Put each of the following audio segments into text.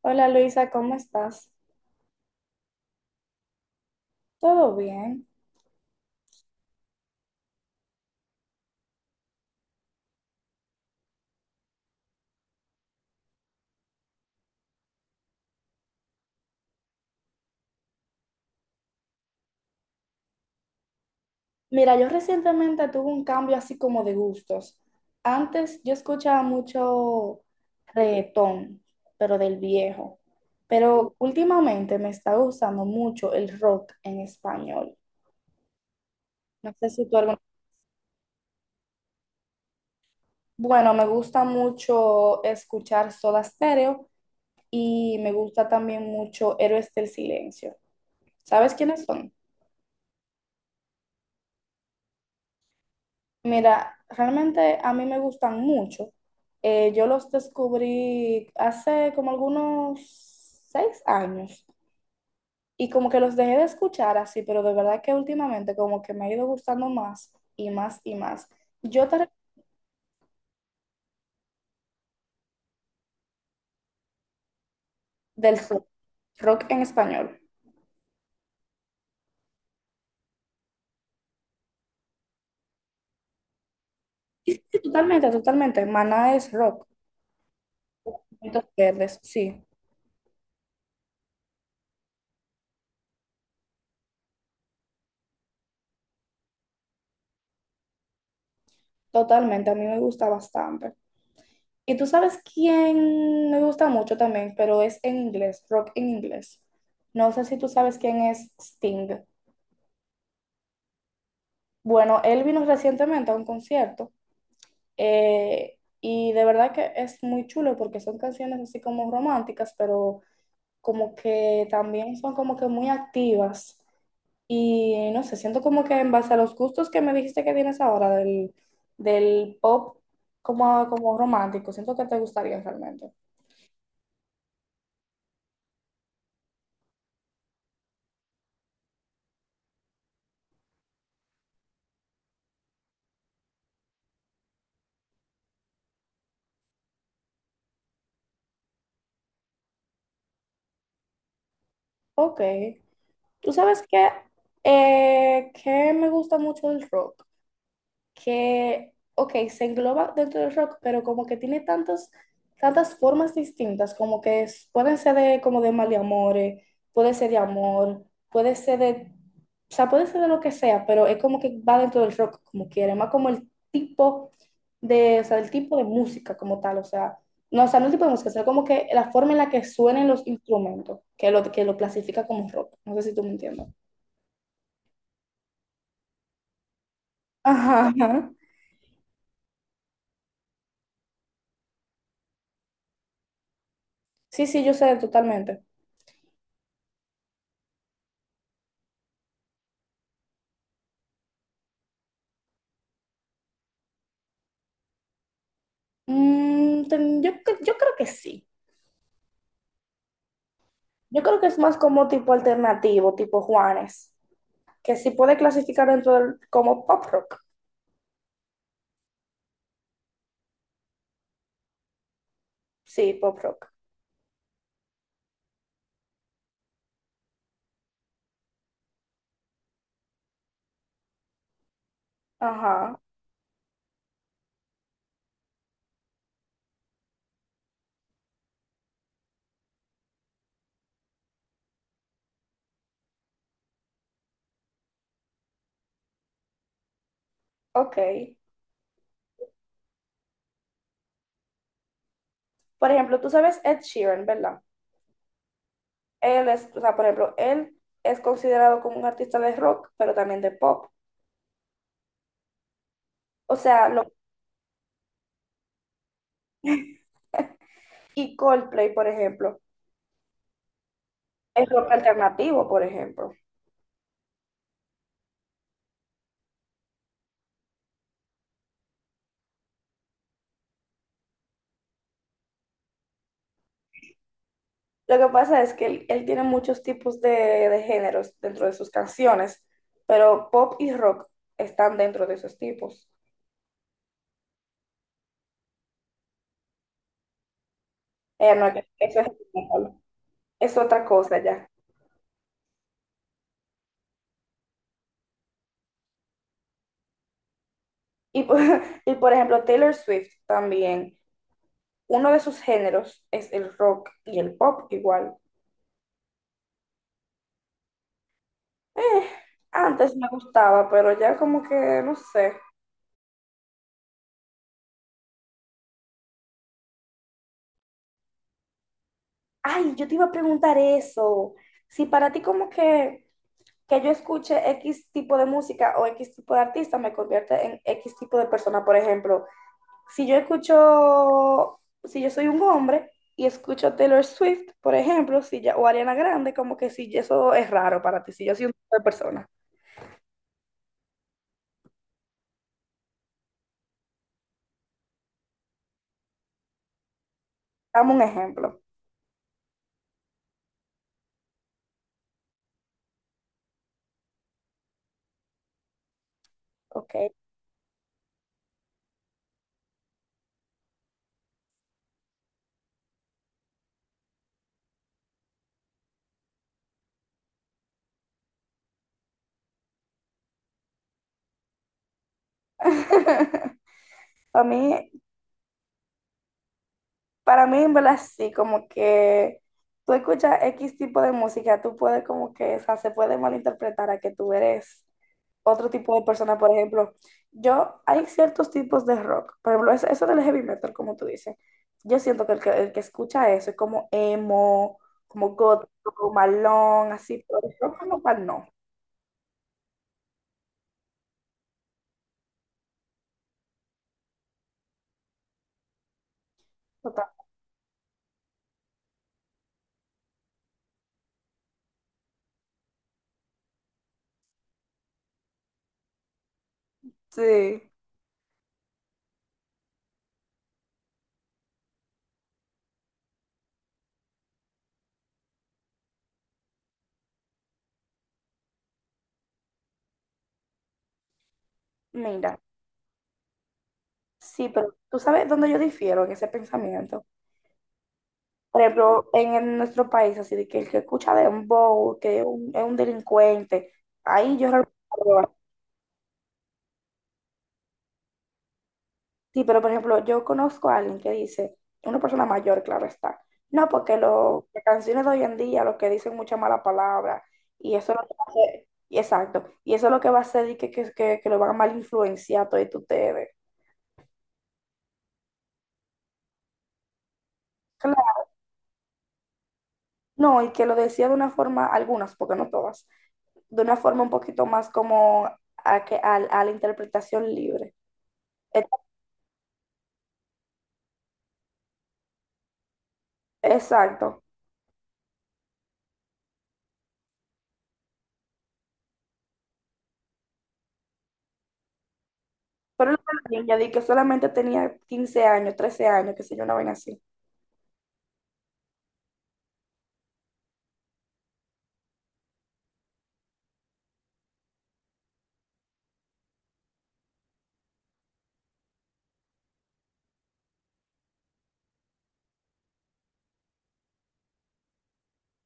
Hola Luisa, ¿cómo estás? ¿Todo bien? Mira, yo recientemente tuve un cambio así como de gustos. Antes yo escuchaba mucho reggaetón, pero del viejo. Pero últimamente me está gustando mucho el rock en español. No sé si tú Bueno, me gusta mucho escuchar Soda Stereo y me gusta también mucho Héroes del Silencio. ¿Sabes quiénes son? Mira, realmente a mí me gustan mucho. Yo los descubrí hace como algunos 6 años y como que los dejé de escuchar así, pero de verdad que últimamente como que me ha ido gustando más y más y más. Yo te recomiendo del sur, rock en español. Y sí, totalmente, totalmente. Maná es rock. Puntos verdes, sí, totalmente. A mí me gusta bastante. Y tú sabes quién me gusta mucho también, pero es en inglés, rock en inglés. No sé si tú sabes quién es Sting. Bueno, él vino recientemente a un concierto, y de verdad que es muy chulo porque son canciones así como románticas, pero como que también son como que muy activas. Y no sé, siento como que en base a los gustos que me dijiste que tienes ahora del pop como romántico, siento que te gustaría realmente. Ok. Tú sabes que me gusta mucho el rock, que, ok, se engloba dentro del rock, pero como que tiene tantas, tantas formas distintas, como que pueden ser de, como de maleamores, puede ser de amor, puede ser de, o sea, puede ser de lo que sea, pero es como que va dentro del rock, como quiere, más como el tipo de, o sea, el tipo de música como tal, o sea, no el tipo de música, sino como que la forma en la que suenen los instrumentos, que lo clasifica como rock, no sé si tú me entiendes. Ajá, ajá. Sí, sí, yo sé totalmente. Yo creo que sí. Yo creo que es más como tipo alternativo, tipo Juanes, que sí puede clasificar dentro del, como pop rock. Sí, pop rock. Ajá, ok. Por ejemplo, tú sabes Ed Sheeran, ¿verdad? Él es, o sea, por ejemplo, él es considerado como un artista de rock, pero también de pop. O sea, y Coldplay, por ejemplo, es rock alternativo, por ejemplo. Lo que pasa es que él tiene muchos tipos de géneros dentro de sus canciones, pero pop y rock están dentro de esos tipos. Ella no, eso es otra cosa ya. Y, por- y por ejemplo, Taylor Swift también, uno de sus géneros es el rock y el pop igual. Eh, Antes me gustaba, pero ya como que no sé. Ay, yo te iba a preguntar eso. Si para ti como que yo escuche X tipo de música o X tipo de artista me convierte en X tipo de persona. Por ejemplo, si yo escucho, si yo soy un hombre y escucho Taylor Swift, por ejemplo, si ya, o Ariana Grande, como que si eso es raro para ti, si yo soy un tipo de persona. Dame un ejemplo, ¿ok? Para mí, Para mí, en verdad, sí, como que tú escuchas X tipo de música, tú puedes como que, o sea, se puede malinterpretar a que tú eres otro tipo de persona. Por ejemplo, yo, hay ciertos tipos de rock, por ejemplo, eso del heavy metal, como tú dices, yo siento que el que escucha eso es como emo, como gótico, malón, así, pero el rock como tal, no. Total. Sí, mira, sí, pero tú sabes dónde yo difiero en ese pensamiento. Por ejemplo, en nuestro país, así de que el que escucha dembow, que es un delincuente, ahí yo realmente no lo veo. Sí, pero por ejemplo, yo conozco a alguien que dice, una persona mayor, claro está, no, porque las canciones de hoy en día, lo que dicen mucha mala palabra, y eso es lo que va a hacer, y exacto, y eso es lo que va a hacer y que lo van a mal influenciar a todos ustedes. Claro, no, y que lo decía de una forma, algunas, porque no todas, de una forma un poquito más como a, que, a la interpretación libre. Exacto. Pero una niña de que solamente tenía 15 años, 13 años, que sé yo, una vaina así.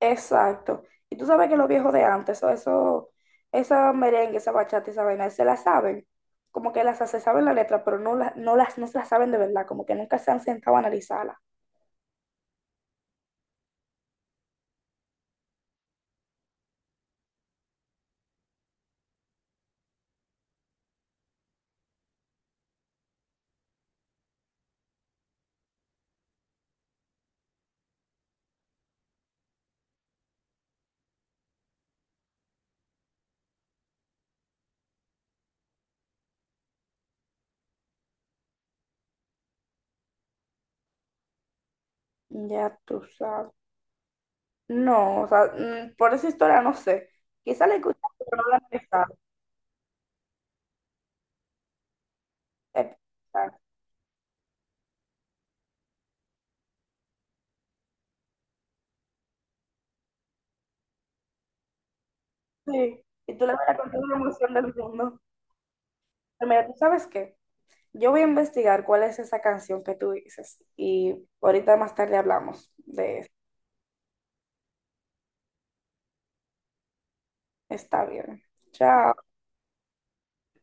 Exacto. Y tú sabes que los viejos de antes, eso, esa merengue, esa bachata, esa vaina, se la saben. Como que las se saben la letra, pero no, no las no se las saben de verdad, como que nunca se han sentado a analizarla. Ya tú sabes. No, o sea, por esa historia no sé. Quizá la escuché, pero no la he. Exacto. Sí. Y tú le vas a contar la emoción del mundo. Pero mira, ¿tú sabes qué? Yo voy a investigar cuál es esa canción que tú dices. Y ahorita más tarde hablamos de eso. Está bien. Chao.